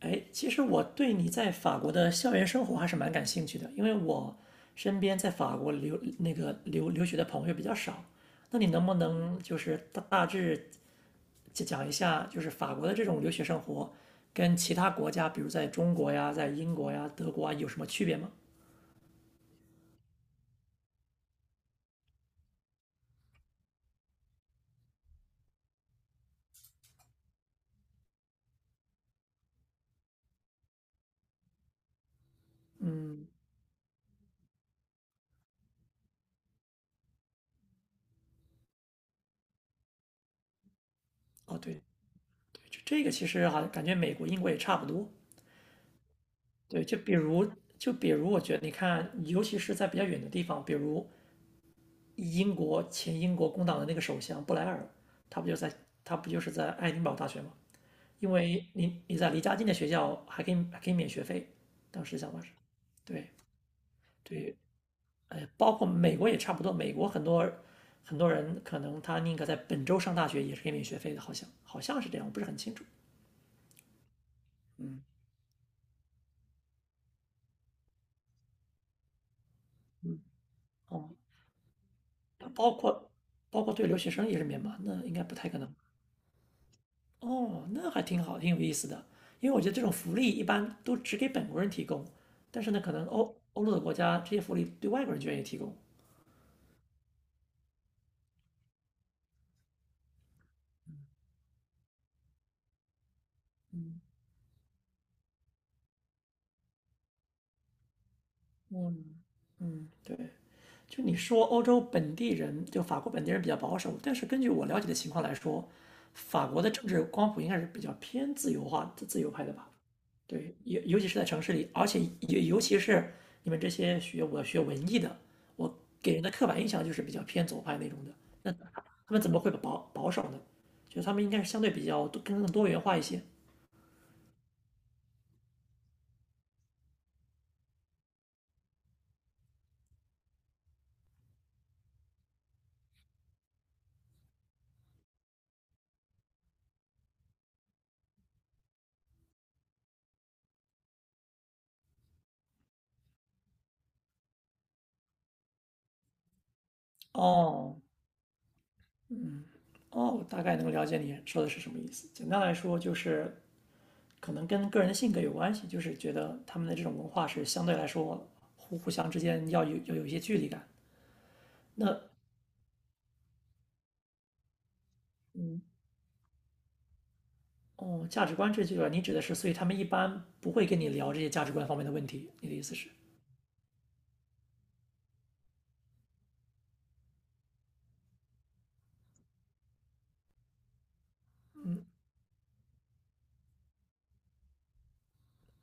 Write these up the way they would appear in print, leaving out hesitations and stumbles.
哎，其实我对你在法国的校园生活还是蛮感兴趣的，因为我身边在法国留留学的朋友比较少。那你能不能就是大致讲一下，就是法国的这种留学生活跟其他国家，比如在中国呀、在英国呀、德国啊，有什么区别吗？哦，对，就这个其实好像感觉美国、英国也差不多。对，就比如我觉得你看，尤其是在比较远的地方，比如英国前英国工党的那个首相布莱尔，他不就在他不就是在爱丁堡大学吗？因为你在离家近的学校还可以免学费，当时想法是，对，对，哎，包括美国也差不多，美国很多人可能他宁可在本州上大学也是可以免学费的，好像好像是这样，我不是很清楚。嗯。嗯。哦，包括包括对留学生也是免嘛，那应该不太可能。哦，那还挺好，挺有意思的。因为我觉得这种福利一般都只给本国人提供，但是呢，可能欧陆的国家这些福利对外国人就愿意提供。嗯。嗯。嗯，对。就你说欧洲本地人，就法国本地人比较保守，但是根据我了解的情况来说，法国的政治光谱应该是比较偏自由化、自由派的吧？对，尤其是在城市里，而且尤其是你们这些我学文艺的，我给人的刻板印象就是比较偏左派那种的。那他们怎么会保守呢？就得他们应该是相对比较多更多元化一些。哦。哦，大概能够了解你说的是什么意思。简单来说，就是可能跟个人的性格有关系，就是觉得他们的这种文化是相对来说互相之间要有一些距离感。那嗯。哦，价值观这句啊，你指的是，所以他们一般不会跟你聊这些价值观方面的问题，你的意思是？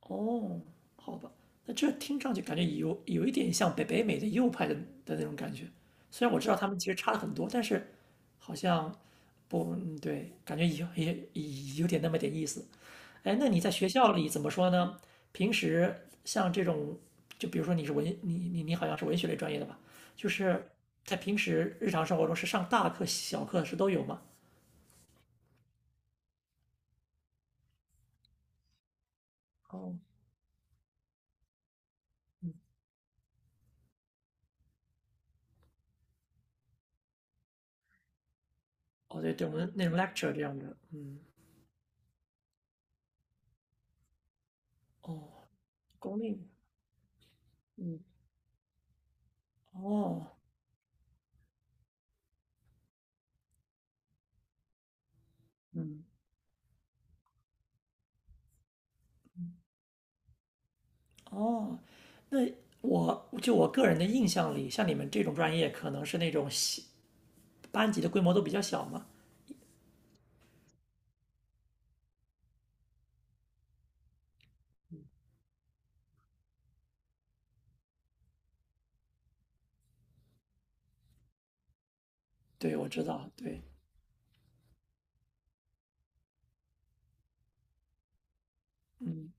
哦，好吧，那这听上去感觉有一点像北美的右派的的那种感觉，虽然我知道他们其实差了很多，但是好像不，嗯对，感觉有也也有点那么点意思。哎，那你在学校里怎么说呢？平时像这种，就比如说你是文，你好像是文学类专业的吧？就是在平时日常生活中是上大课、小课是都有吗？哦。哦，对对，我们那种 lecture 这样的，嗯。哦，公立。嗯。哦。嗯。哦，那我个人的印象里，像你们这种专业，可能是那种小班级的规模都比较小嘛。对，我知道，对。嗯。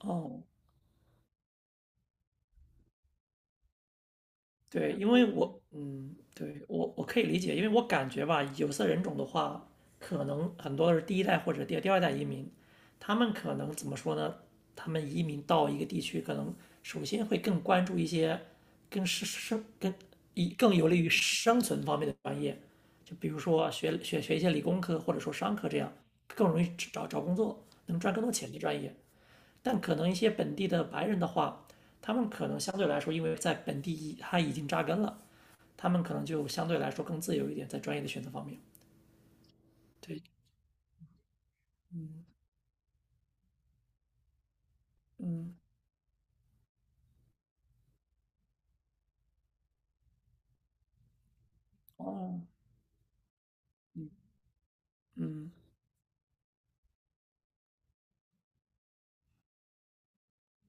哦，对，因为我，嗯，对，我可以理解，因为我感觉吧，有色人种的话，可能很多是第一代或者第二代移民，他们可能怎么说呢？他们移民到一个地区，可能首先会更关注一些更是生更以更有利于生存方面的专业，就比如说学一些理工科或者说商科这样，更容易找工作能赚更多钱的专业。但可能一些本地的白人的话，他们可能相对来说，因为在本地他已经扎根了，他们可能就相对来说更自由一点，在专业的选择方面。对。嗯。哦。嗯。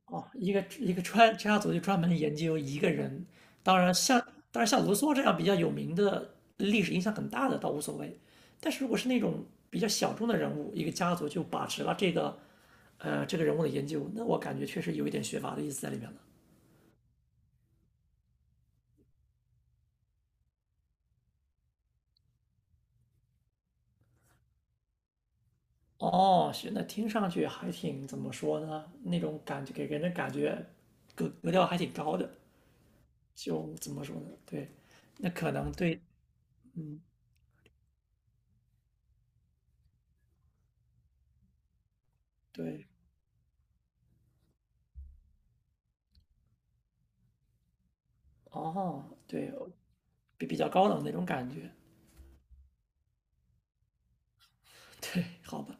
哦，一个家族就专门研究一个人，当然像当然像卢梭这样比较有名的历史影响很大的倒无所谓，但是如果是那种比较小众的人物，一个家族就把持了这个这个人物的研究，那我感觉确实有一点学阀的意思在里面了。哦，是，那听上去还挺怎么说呢？那种感觉给人的感觉格调还挺高的，就怎么说呢？对，那可能对。嗯，对。哦，对，比较高冷那种感觉，对，好吧。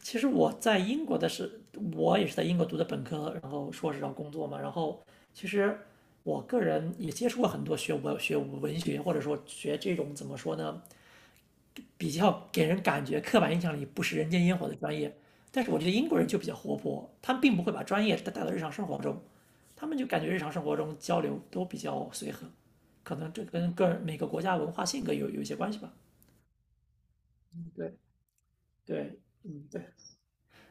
其实我在英国的是，我也是在英国读的本科，然后硕士，然后工作嘛。然后其实我个人也接触过很多学文学或者说学这种怎么说呢，比较给人感觉刻板印象里不食人间烟火的专业。但是我觉得英国人就比较活泼，他们并不会把专业带到日常生活中，他们就感觉日常生活中交流都比较随和，可能这跟个人每个国家文化性格有一些关系吧。对对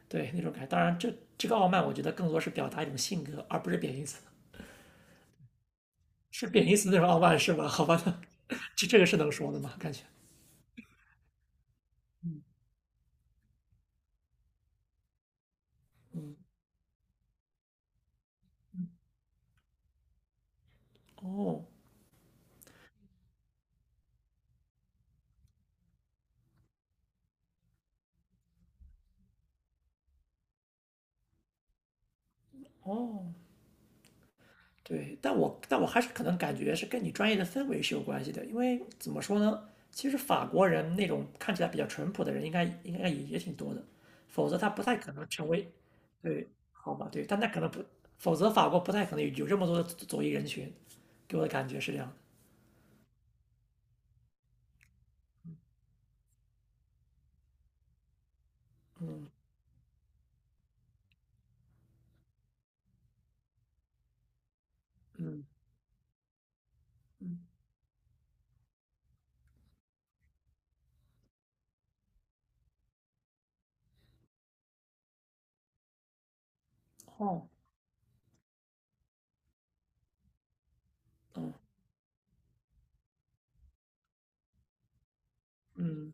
对，那种感觉当然这，这个傲慢，我觉得更多是表达一种性格，而不是贬义词。是贬义词那种傲慢是吧？好吧，那 这个是能说的吗？感觉哦。哦，对，但我还是可能感觉是跟你专业的氛围是有关系的，因为怎么说呢，其实法国人那种看起来比较淳朴的人应该应该也也挺多的，否则他不太可能成为，对，好吧，对，但他可能不，否则法国不太可能有这么多的左翼人群，给我的感觉是这样的。嗯。嗯。嗯。哦。嗯。嗯。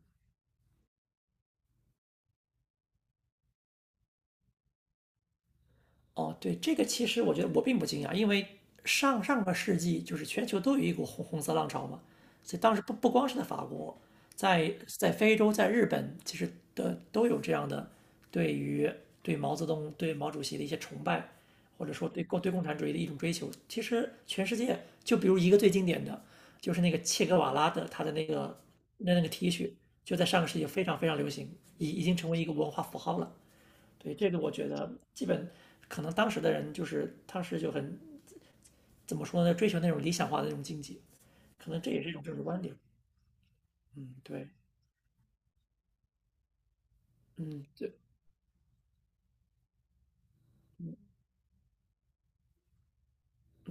哦，对，这个其实我觉得我并不惊讶，因为上个世纪就是全球都有一股红色浪潮嘛，所以当时不光是在法国，在非洲在日本，其实的都有这样的对于对毛泽东、对毛主席的一些崇拜，或者说对共产主义的一种追求。其实全世界，就比如一个最经典的，就是那个切格瓦拉的他的那个那个 T 恤，就在上个世纪非常非常流行，已经成为一个文化符号了。对，这个我觉得基本可能当时的人就是他是就很怎么说呢，追求那种理想化的那种境界，可能这也是一种政治观点。嗯，对。嗯，对。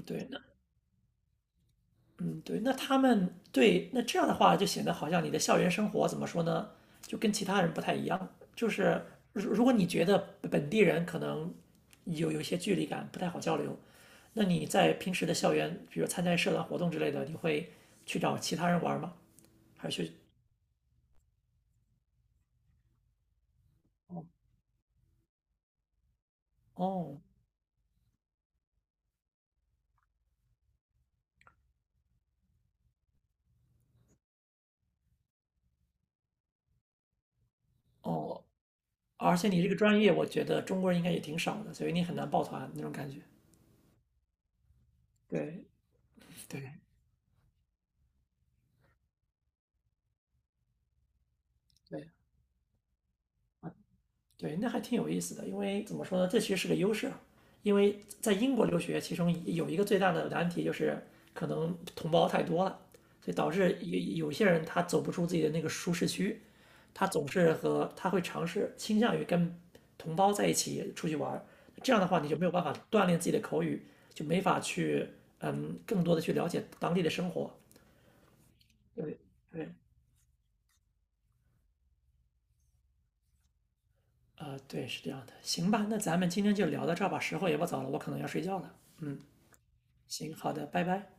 对，那嗯对，那他们对那这样的话就显得好像你的校园生活怎么说呢，就跟其他人不太一样。就是如果你觉得本地人可能有一些距离感，不太好交流，那你在平时的校园，比如参加社团活动之类的，你会去找其他人玩吗？还是去？哦。哦，而且你这个专业，我觉得中国人应该也挺少的，所以你很难抱团那种感觉。对。对。对。对，那还挺有意思的，因为怎么说呢，这其实是个优势啊，因为在英国留学，其中有一个最大的难题就是可能同胞太多了，所以导致有些人他走不出自己的那个舒适区，他总是和他会尝试倾向于跟同胞在一起出去玩儿。这样的话，你就没有办法锻炼自己的口语，就没法去嗯更多的去了解当地的生活。对。对。啊，对，是这样的。行吧，那咱们今天就聊到这儿吧，时候也不早了，我可能要睡觉了。嗯，行，好的，拜拜。